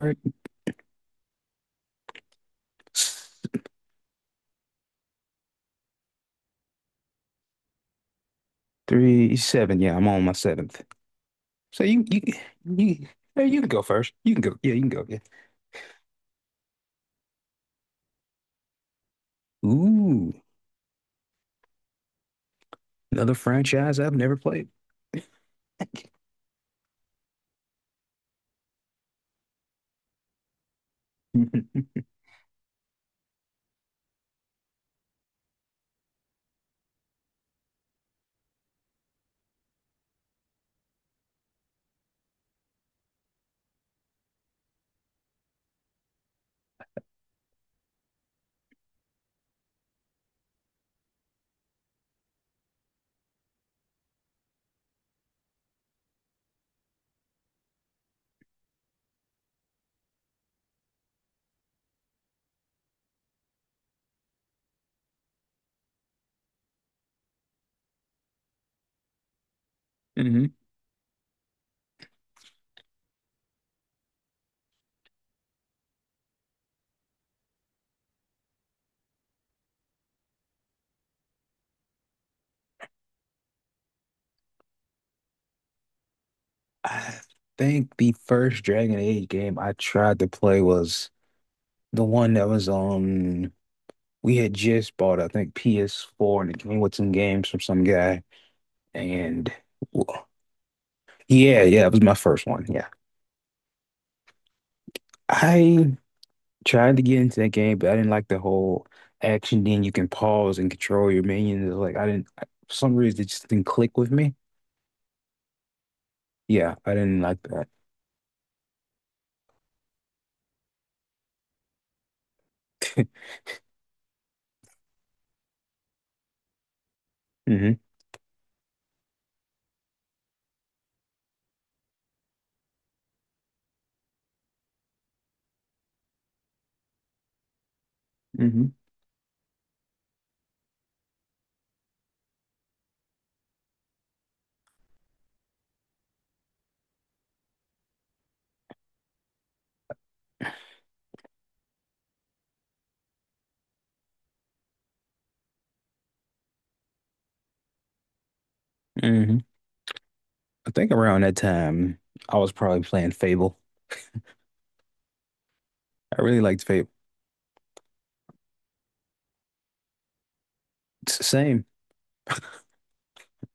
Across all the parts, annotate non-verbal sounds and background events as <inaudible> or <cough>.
Right. Three, seven. Yeah, I'm on my seventh. So you, you, you, hey, you can go first. You can go. Yeah, you can go. Yeah. Ooh, another franchise I've never played. <laughs> hmm I think the first Dragon Age game I tried to play was the one that was on. We had just bought, I think, PS4, and it came with some games from some guy. And w- yeah, yeah, it was my first one. Yeah, I tried to get into that game, but I didn't like the whole action. Then you can pause and control your minions. Like I didn't, I- for some reason, it just didn't click with me. Yeah, I didn't like that. hmm hmm hmm I think around that time, I was probably playing Fable. I really liked Fable. It's the same,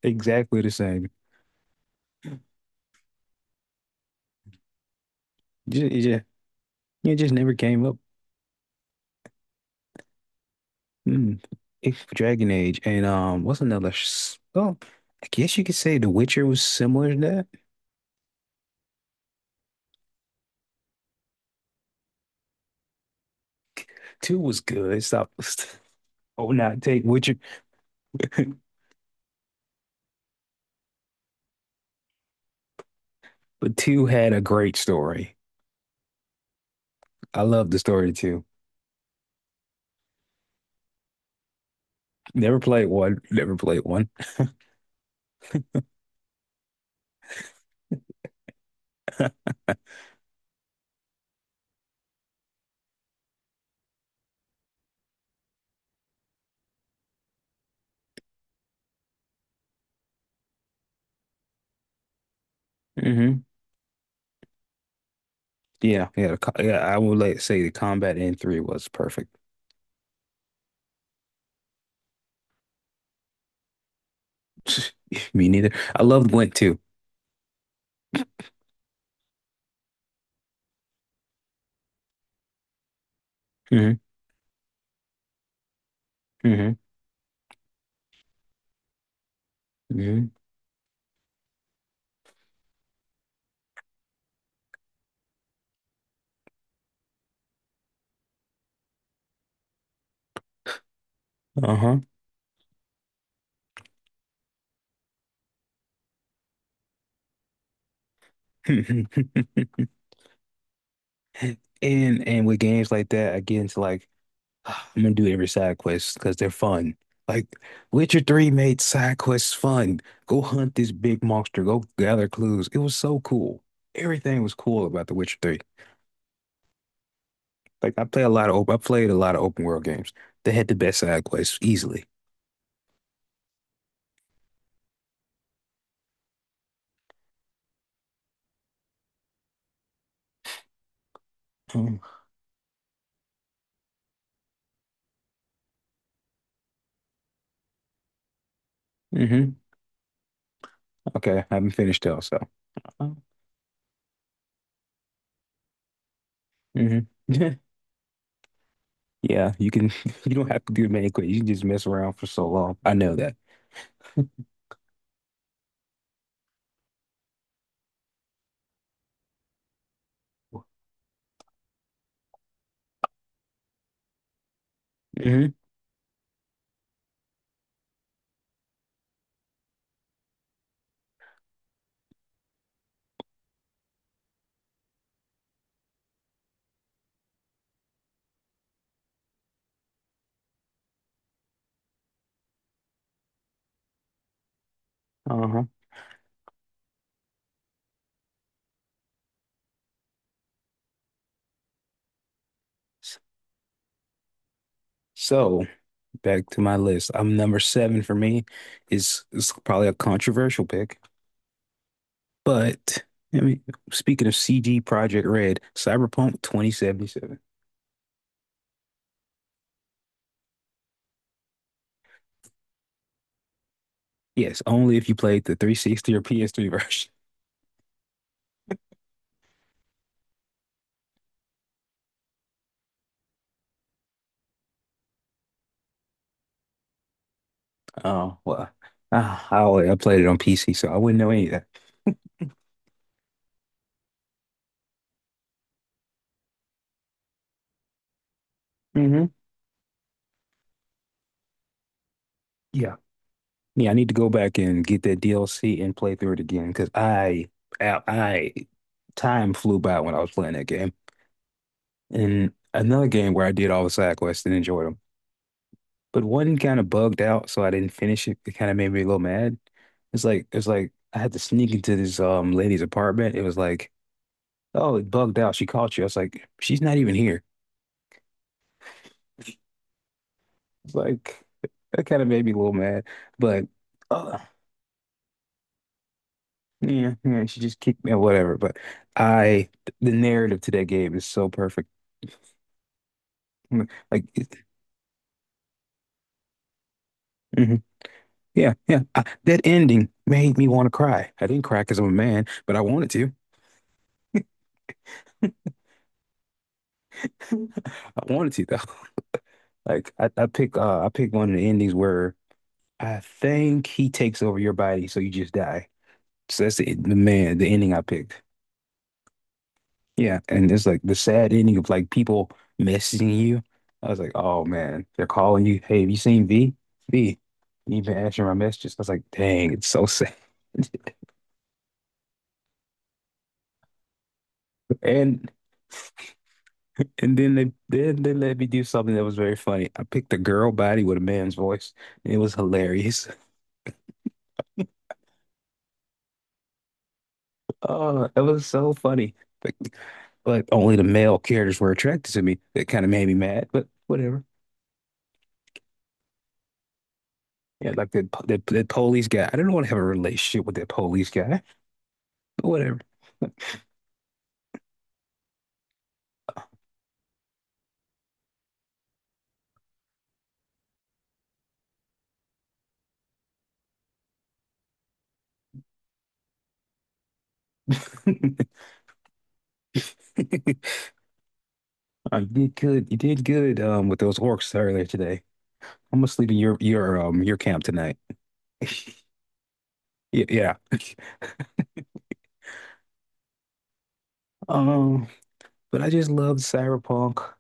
exactly the same. Just, it just, it just never came up. Mm. It's Dragon Age, and what's another? Well, I guess you could say The Witcher was similar to that. Two was good. Stop. <laughs> Oh, not take Witcher. <laughs> But two had a great story. I love the story too. Never played one. Never played one. Hmm yeah, I would like say the combat in three was perfect. <laughs> Me neither. I loved Gwent too. hmm hmm hmm Uh-huh. <laughs> And with games like that, I get into like <sighs> I'm gonna do every side quest because they're fun. Like Witcher 3 made side quests fun. Go hunt this big monster. Go gather clues. It was so cool. Everything was cool about The Witcher 3. I played a lot of open world games. They had the best side quests easily. Um, hmm. Okay, I haven't finished though, so. hmm. <laughs> Yeah, you can. <laughs> You don't have to do many quests. You can just mess around for so long. I know that. hmm. Uh-huh. S- So back to my list. I'm number seven for me is probably a controversial pick, but I mean, speaking of CG Project Red, Cyberpunk 2077. Yes, only if you played the 360 or PS3 <laughs> version. Oh, well, I played it on PC, so I wouldn't know any of that. hmm. Yeah. Yeah, I need to go back and get that DLC and play through it again because I, I, time flew by when I was playing that game. And another game where I did all the side quests and enjoyed them, but one kind of bugged out, so I didn't finish it. It kind of made me a little mad. It's like I had to sneak into this lady's apartment. It was like, oh, it bugged out. She caught you. I was like, she's not even here. Like that kind of made me a little mad, but uh, yeah, yeah, she just kicked me or whatever. But I, the narrative to that game is so perfect. Mm, Like, it, mhm. Yeah, yeah. That ending made me want to cry. I didn't cry because I'm a man, but I wanted to. <laughs> I wanted to though. <laughs> I pick one of the endings where I think he takes over your body, so you just die. So that's the man, the ending I picked. Yeah, and it's like the sad ending of like people messaging you. I was like, oh man, they're calling you. Hey, have you seen V? V, you been answering my messages. I was like, dang, it's so sad. <laughs> And then they let me do something that was very funny. I picked a girl body with a man's voice. And it was hilarious. <laughs> Oh, it was so funny. But, but only the male characters were attracted to me. That kind of made me mad, but whatever. Yeah, like that police guy. I didn't want to have a relationship with that police guy. Whatever. <laughs> I did good. You did good with those orcs earlier today. I'm gonna sleep in your camp tonight. <laughs> Yeah, yeah. Um, but I just loved Cyberpunk.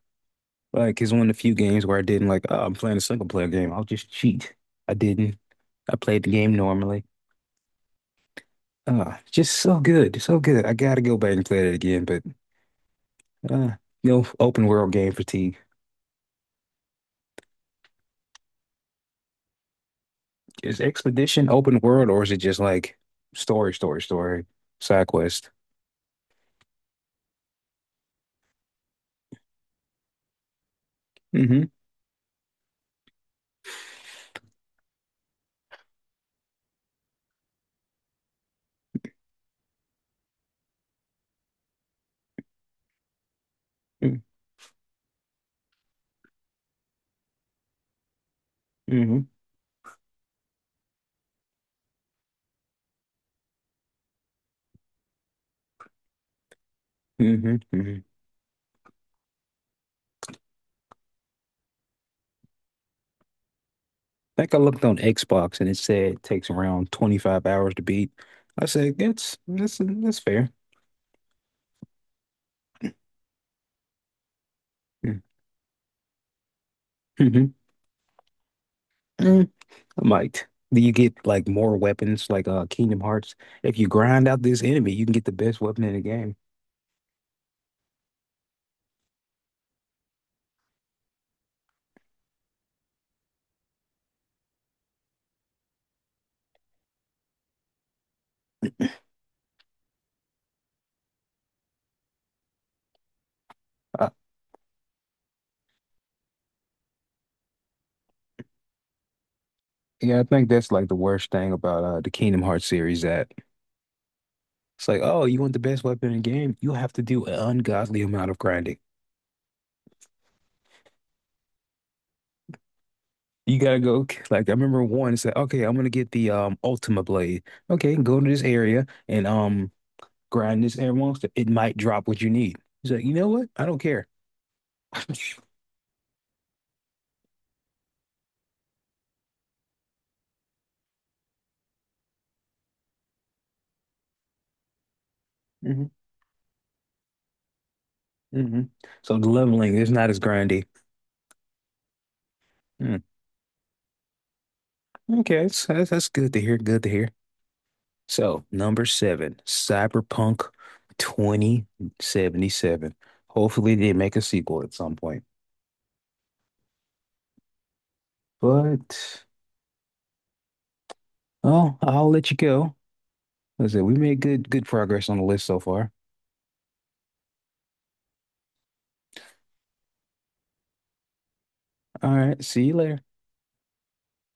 Like it's one of the few games where I didn't like, oh, I'm playing a single player game. I'll just cheat. I didn't. I played the game normally. Just so good, so good. I gotta go back and play that again, but uh, you know, open world game fatigue. Is Expedition open world or is it just like story, side quest? Mm-hmm. Mm-hmm. Mm-hmm. Mm-hmm. I think I looked on Xbox and it said it takes around 25 hours to beat. I said, that's that's fair. Mm. Mm-hmm. Mm, I might. Do you get like more weapons like Kingdom Hearts? If you grind out this enemy, you can get the best weapon in the game. Yeah, I think that's like the worst thing about the Kingdom Hearts series that it's like, oh, you want the best weapon in the game? You have to do an ungodly amount of grinding. You gotta go <laughs> like I remember one said, okay, I'm gonna get the Ultima Blade. Okay, go to this area and grind this air monster. It might drop what you need. He's like, you know what? I don't care. <laughs> hmm hmm. So the leveling is not as grindy. Hmm. Okay, that's that's good to hear. Good to hear. So, number seven, Cyberpunk 2077. Hopefully, they make a sequel at some point. But, oh, I'll let you go. As I said, we made good progress on the list so far. All right, see you later.